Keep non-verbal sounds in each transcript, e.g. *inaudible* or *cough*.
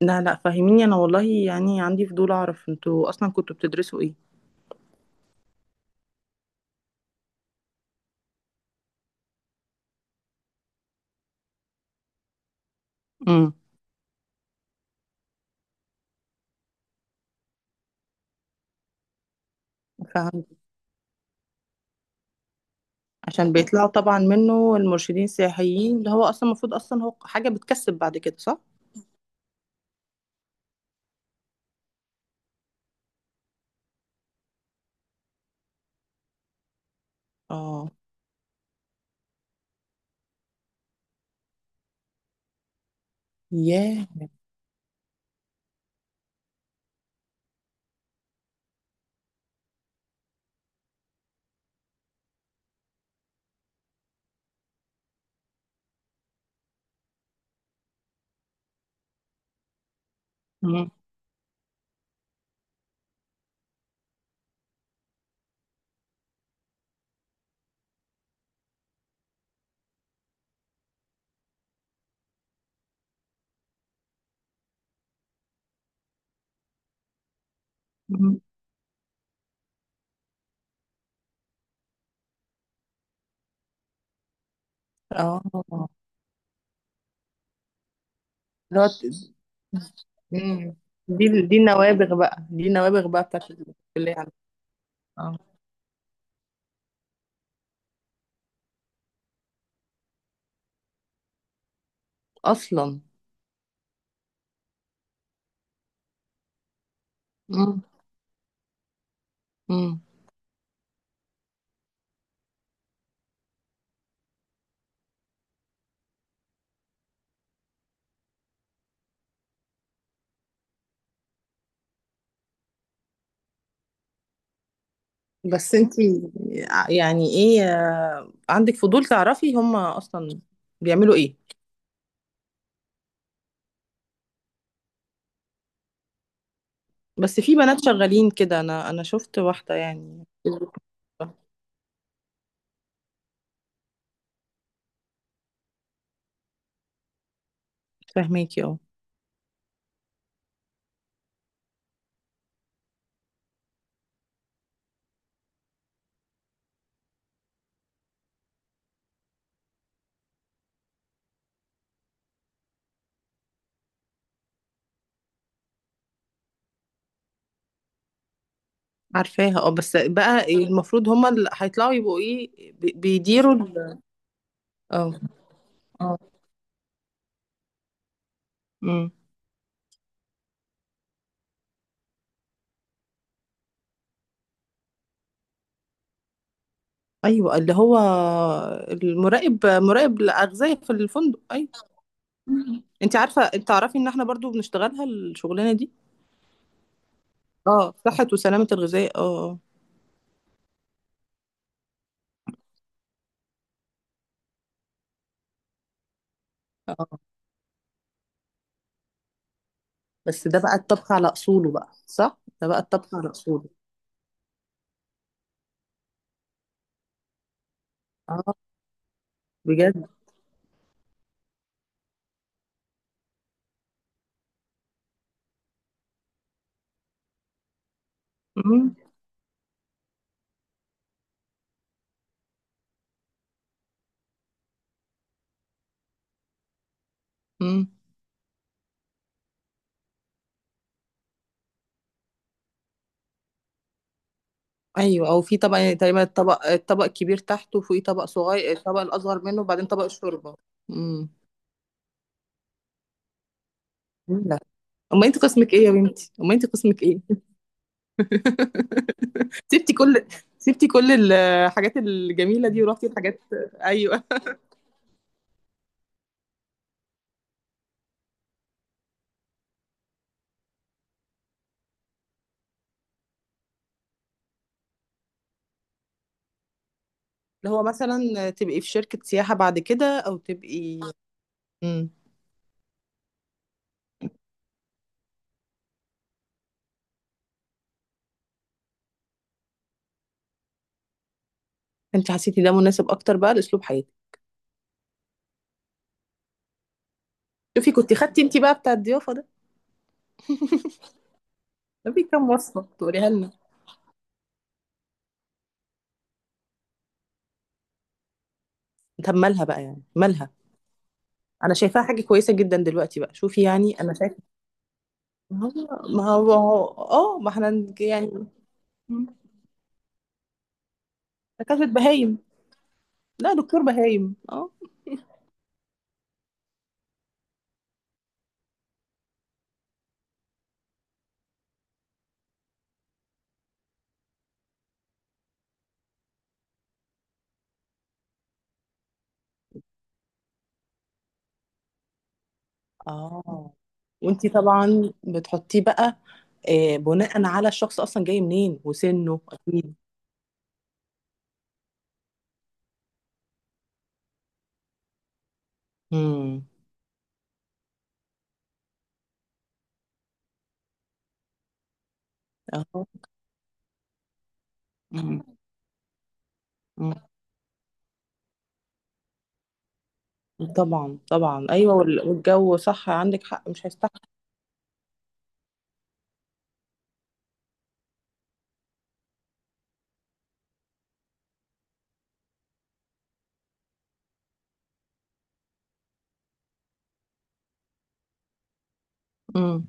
لا لا، فاهميني. انا والله يعني عندي فضول اعرف انتوا اصلا كنتوا بتدرسوا ايه؟ امم. فاهم. عشان بيطلعوا طبعا منه المرشدين السياحيين اللي هو اصلا المفروض اصلا هو حاجه بتكسب بعد كده، صح؟ اه. ياه. مم. مم. اه. اللي هو ت- مم. دي النوابغ بقى بتاعت الكليه عندك. اه. اصلا. مم. مم. بس انتي يعني ايه، عندك فضول تعرفي هم اصلا بيعملوا ايه؟ بس في بنات شغالين كده، انا شفت واحده يعني. فاهماكي. اه. عارفاها. اه. بس بقى المفروض هما اللي هيطلعوا، يبقوا ايه، بيديروا. اه. اه. امم. ايوه اللي هو مراقب الاغذيه في الفندق، ايوه. مم. انت تعرفي ان احنا برضو بنشتغلها الشغلانه دي. اه، صحه وسلامه الغذاء. اه. اه. آه. بس ده بقى الطبخ على اصوله، بقى صح؟ ده بقى الطبخ على اصوله. اه. بجد. امم. ايوه، او في طبق يعني تقريبا، الطبق الكبير تحته، وفوقيه طبق صغير، الطبق الاصغر منه، وبعدين طبق الشوربه. امم. لا، امال انت قسمك ايه يا بنتي؟ امال انت قسمك ايه؟ *laughs* سبتي كل سبتي كل الحاجات الجميله دي، ورحتي الحاجات. ايوه اللي هو مثلا تبقي في شركه سياحه بعد كده، او تبقي. امم. انت حسيتي ده مناسب اكتر بقى لاسلوب حياتك؟ شوفي، كنت خدتي انت بقى بتاع الضيافه ده؟ ده في كام وصفه تقوليها لنا؟ طب مالها بقى، يعني مالها. انا شايفاها حاجه كويسه جدا دلوقتي بقى، شوفي يعني، انا شايفه. ما هو. اه، ما احنا يعني. م. دكاترة بهايم. لا، دكتور بهايم، اه. اه، وانتي طبعا بتحطيه بقى، بناء على الشخص اصلا جاي منين، وسنه اكيد. امم. اه. مم. مم. طبعا طبعا، ايوه. والجو صح، عندك حق، مش هيستحمل. امم.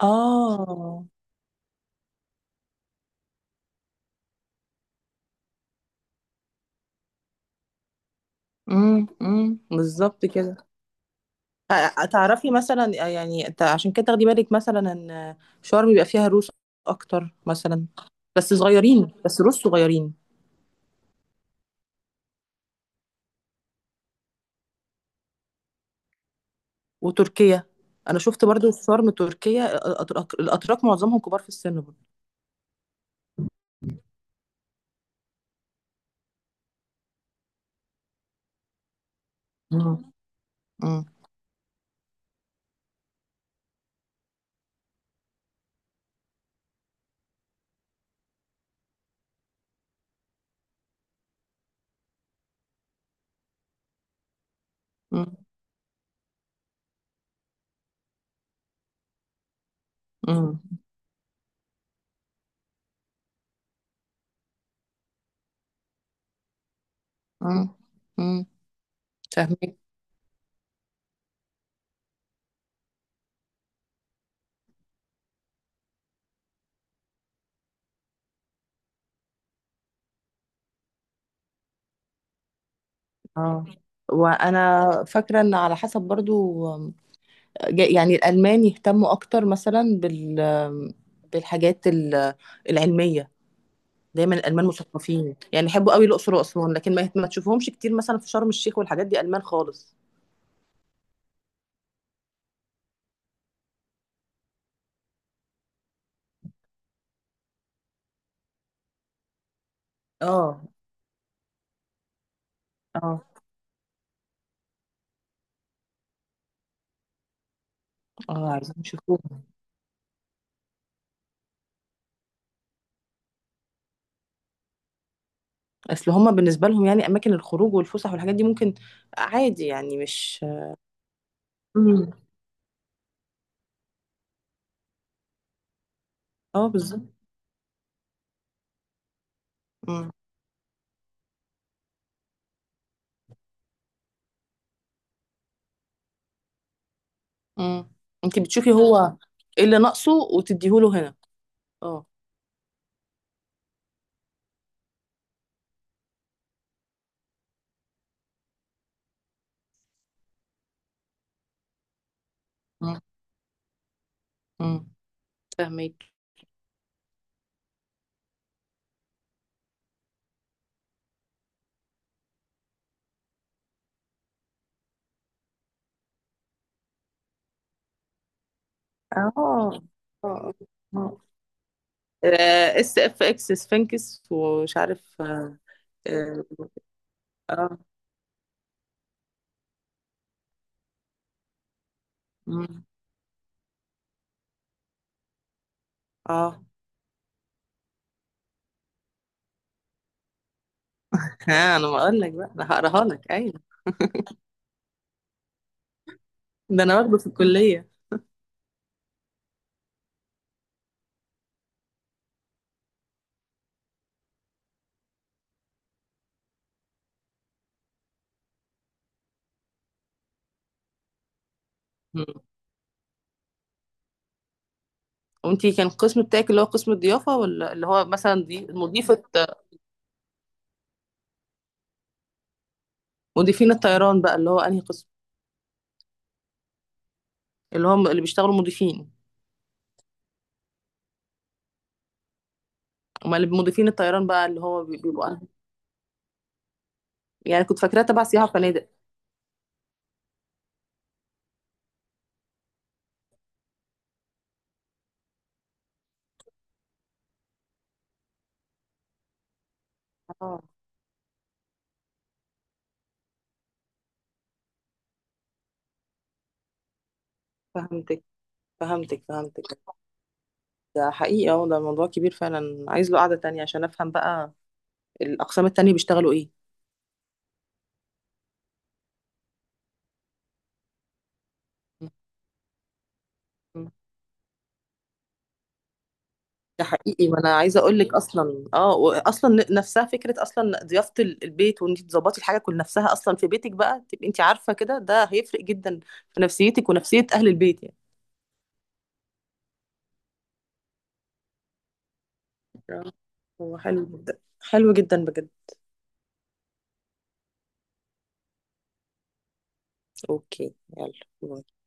اه. امم. امم، بالظبط كده. تعرفي مثلا، يعني انت عشان كده تاخدي بالك مثلا ان شرم بيبقى فيها روس اكتر مثلا. بس صغيرين، بس روس صغيرين. وتركيا. انا شفت برضو في شرم تركيا، الأتراك، معظمهم كبار في السن برضو. مم. مم. مم. مم. مم. مم. فاهمك. اه، وانا فاكره ان على حسب برضو. يعني الالمان يهتموا اكتر مثلا بالحاجات العلميه. دايما الالمان مثقفين، يعني يحبوا قوي الاقصر واسوان، لكن ما تشوفهمش كتير مثلا في شرم الشيخ والحاجات دي، المان خالص. اه. اه. اه، عايزين يشوفوها. اصل هما بالنسبه لهم يعني اماكن الخروج والفسح والحاجات دي ممكن، عادي يعني، مش. امم. اه، بالظبط. امم. امم. انت بتشوفي هو ايه اللي ناقصه وتديهوله هنا. اه. امم. امم. فاهمك. اه. اه. اه. SFX، سفنكس، ومش عارف. اه. اه. آه، مم. آه. ها، انا بقول لك بقى انا هقراها لك، ايوه. ده انا واخده في الكليه. مم. وانتي كان القسم بتاعك اللي هو قسم الضيافه، ولا اللي هو مثلا دي مضيفه؟ مضيفين الطيران بقى اللي هو انهي قسم؟ اللي هم اللي بيشتغلوا مضيفين. امال اللي مضيفين الطيران بقى اللي هو بيبقوا أنهي؟ يعني كنت فاكراه تبع سياحه وفنادق. اه. فهمتك. فهمتك. فهمتك. ده حقيقي، اه، ده موضوع كبير فعلا، عايز له قعده تانية عشان افهم بقى الاقسام التانية بيشتغلوا ايه. مم. ده حقيقي، وانا عايزه اقول لك، اصلا نفسها فكره اصلا، ضيافه البيت، وان انت تظبطي الحاجه كل نفسها اصلا في بيتك، بقى تبقي انت عارفه كده ده هيفرق جدا في نفسيتك ونفسيه اهل البيت، يعني. آه، هو حلو جدا، حلو جدا، بجد. اوكي، يلا. باي.